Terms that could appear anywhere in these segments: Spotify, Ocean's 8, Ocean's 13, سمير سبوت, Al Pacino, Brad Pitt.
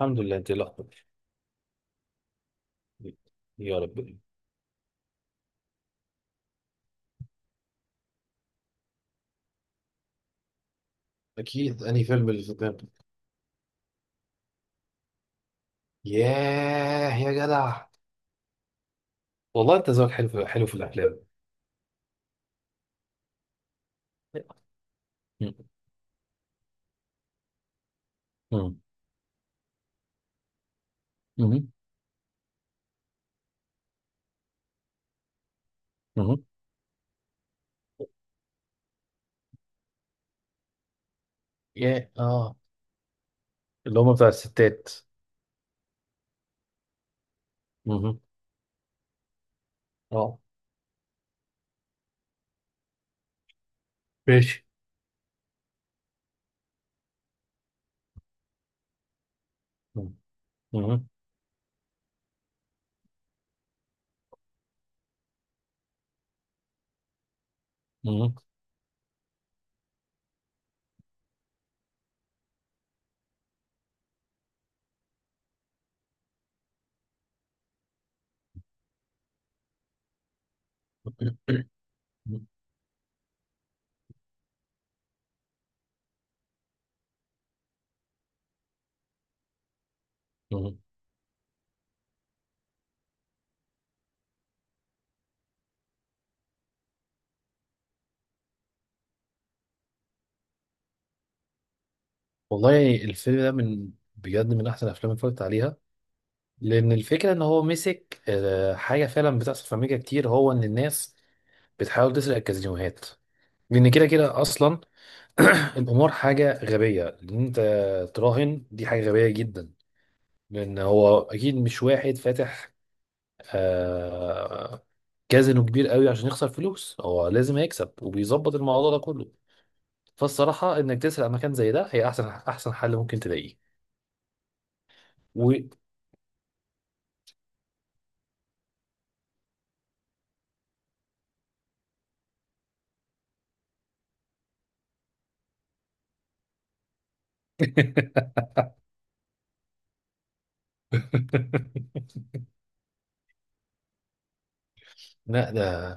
الحمد لله، انت إيه الاخبار؟ يا رب. اكيد، انهي فيلم اللي في دماغك؟ ياه يا جدع. والله انت ذوقك حلو في الافلام. مم. مم. مم. مم. ياه، اه. اللي هم بتاع الستات. مم. اه، ماشي. مم. مم. مم. مم. مم. والله الفيلم ده من، بجد من احسن الافلام اللي اتفرجت عليها. لان الفكره ان هو مسك حاجه فعلا بتحصل في امريكا كتير، هو ان الناس بتحاول تسرق الكازينوهات. لان كده كده اصلا القمار حاجة غبية. إن أنت تراهن دي حاجة غبية جدا. لأن هو أكيد مش واحد فاتح آه كازينو كبير قوي عشان يخسر فلوس. هو لازم هيكسب وبيظبط الموضوع ده كله. فالصراحة إنك تسرق مكان زي ده هي أحسن حل ممكن تلاقيه. و... لا ده،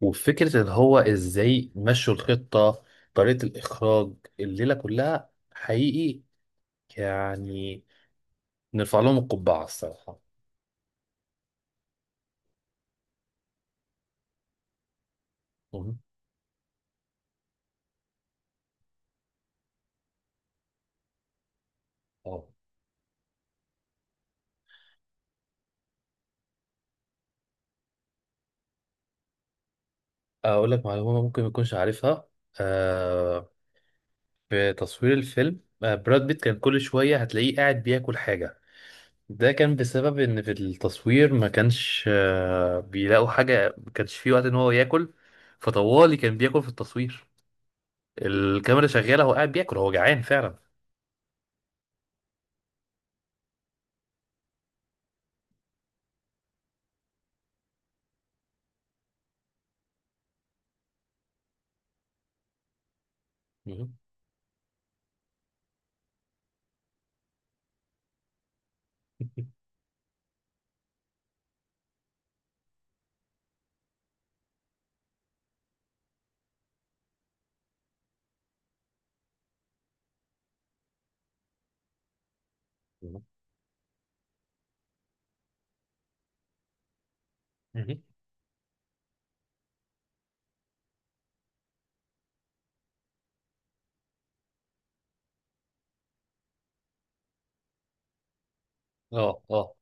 وفكرة اللي هو إزاي مشوا الخطة، طريقة الإخراج، الليلة كلها حقيقي. يعني نرفع لهم القبعة الصراحة. اه. اقول لك معلومه ممكن ما تكونش عارفها. آه. في تصوير الفيلم براد بيت كان كل شويه هتلاقيه قاعد بياكل حاجه. ده كان بسبب ان في التصوير ما كانش بيلاقوا حاجه، ما كانش فيه وقت ان هو ياكل. فطوالي كان بياكل في التصوير. الكاميرا شغاله، هو قاعد بياكل، هو جعان فعلا. مهم. مهم. مهم. اه اه.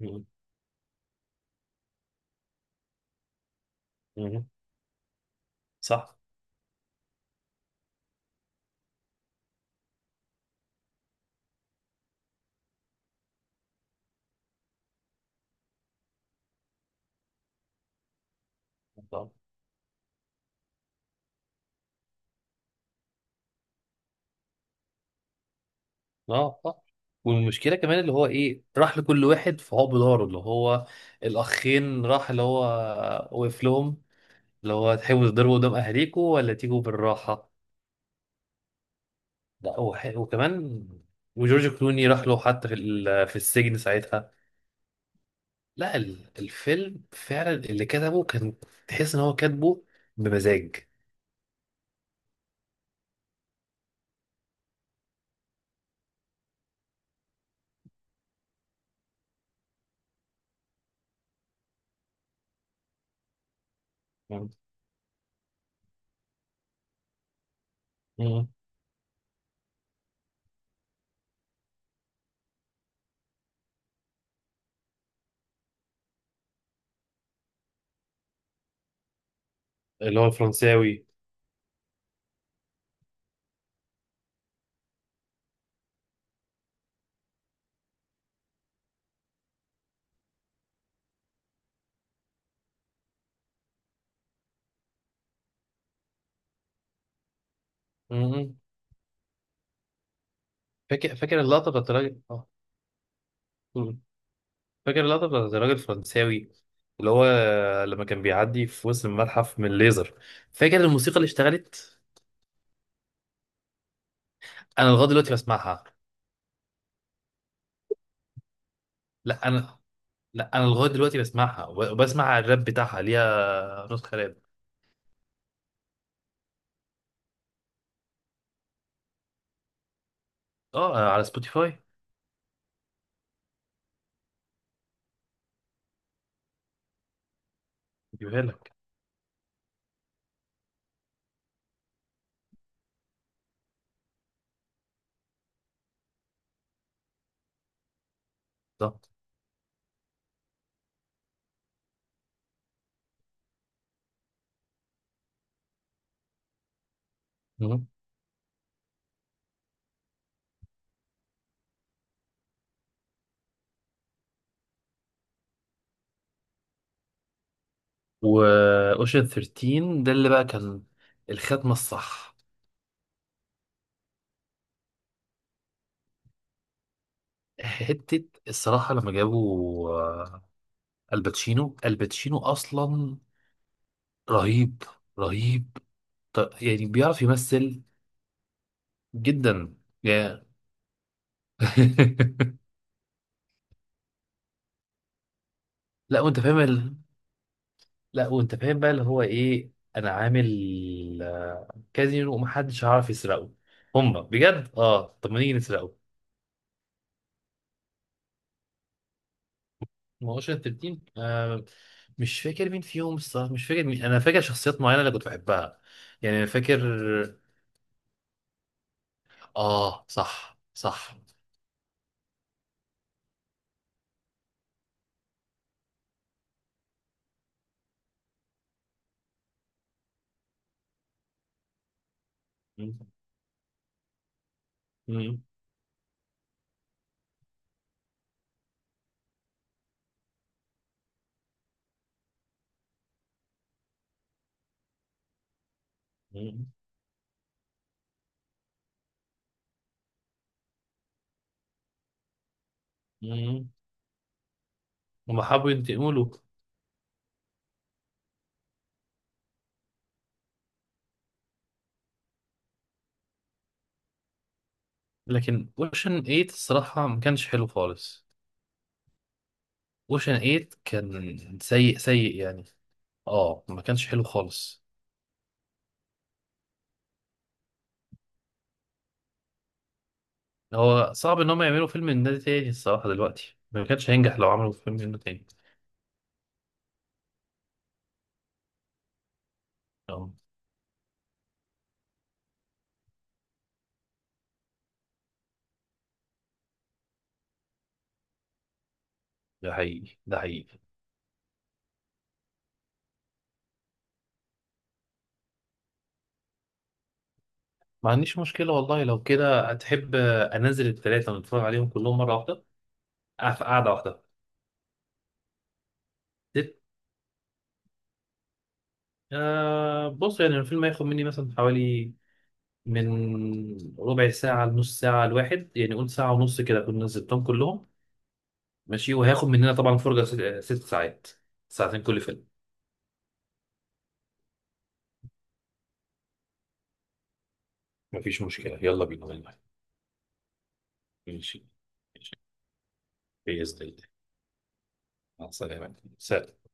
مهم. مهم. صح. اه آه. والمشكله كمان اللي هو ايه، راح لكل واحد فهو بداره اللي هو الاخين، راح اللي هو وقف لهم، اللي هو تحبوا تضربوا قدام اهاليكوا ولا تيجوا بالراحه. لا وكمان، وجورج كلوني راح له حتى في السجن ساعتها. لا ال- الفيلم فعلا اللي كتبه كان، تحس ان هو كاتبه بمزاج. مم. مم. اللي هو الفرنساوي. مم. فاكر اللقطه بتاعت الراجل. اه. فاكر اللقطة بتاعت الراجل الفرنساوي اللي هو لما كان بيعدي في وسط المتحف من الليزر. فاكر الموسيقى اللي اشتغلت؟ انا لغاية دلوقتي بسمعها. لا انا لا انا لغاية دلوقتي بسمعها وبسمع الراب بتاعها، ليها نسخة راب. اه، على سبوتيفاي. بيقولها لك ده. واوشن 13 ده اللي بقى كان الختمة الصح. حتة الصراحة لما جابوا الباتشينو أصلا رهيب، رهيب. ط- يعني بيعرف يمثل جدا. يا. لا وانت فاهم ال... لا وانت فاهم بقى اللي هو ايه. انا عامل كازينو ومحدش هيعرف يسرقه. هما بجد اه، طب ما نيجي نسرقه. ما هوش التلتين مش فاكر مين فيهم الصراحه، مش فاكر مين. انا فاكر شخصيات معينه اللي كنت بحبها. يعني انا فاكر. اه، صح صح. م- م- م- م- هما حبوا ينتقموا له. لكن اوشن 8 الصراحه ما كانش حلو خالص. اوشن 8 كان سيء سيء يعني. اه، ما كانش حلو خالص. هو صعب ان هم يعملوا فيلم من ده تاني الصراحه، دلوقتي ما كانش هينجح لو عملوا فيلم منه تاني. اه، ده حقيقي ده حقيقي. ما عنديش مشكله والله، لو كده هتحب انزل الثلاثه ونتفرج عليهم كلهم مره واحده في قعده واحده. ست- آه بص، يعني الفيلم هياخد مني مثلا حوالي من ربع ساعه لنص ساعه الواحد، يعني قول ساعه ونص كده اكون نزلتهم كلهم. ماشي. وهياخد مننا طبعا فرجه ست ساعات، ساعتين كل فيلم. مفيش مشكلة يلا بينا والله. ماشي ماشي. بإذن الله. مع السلامة، سلام.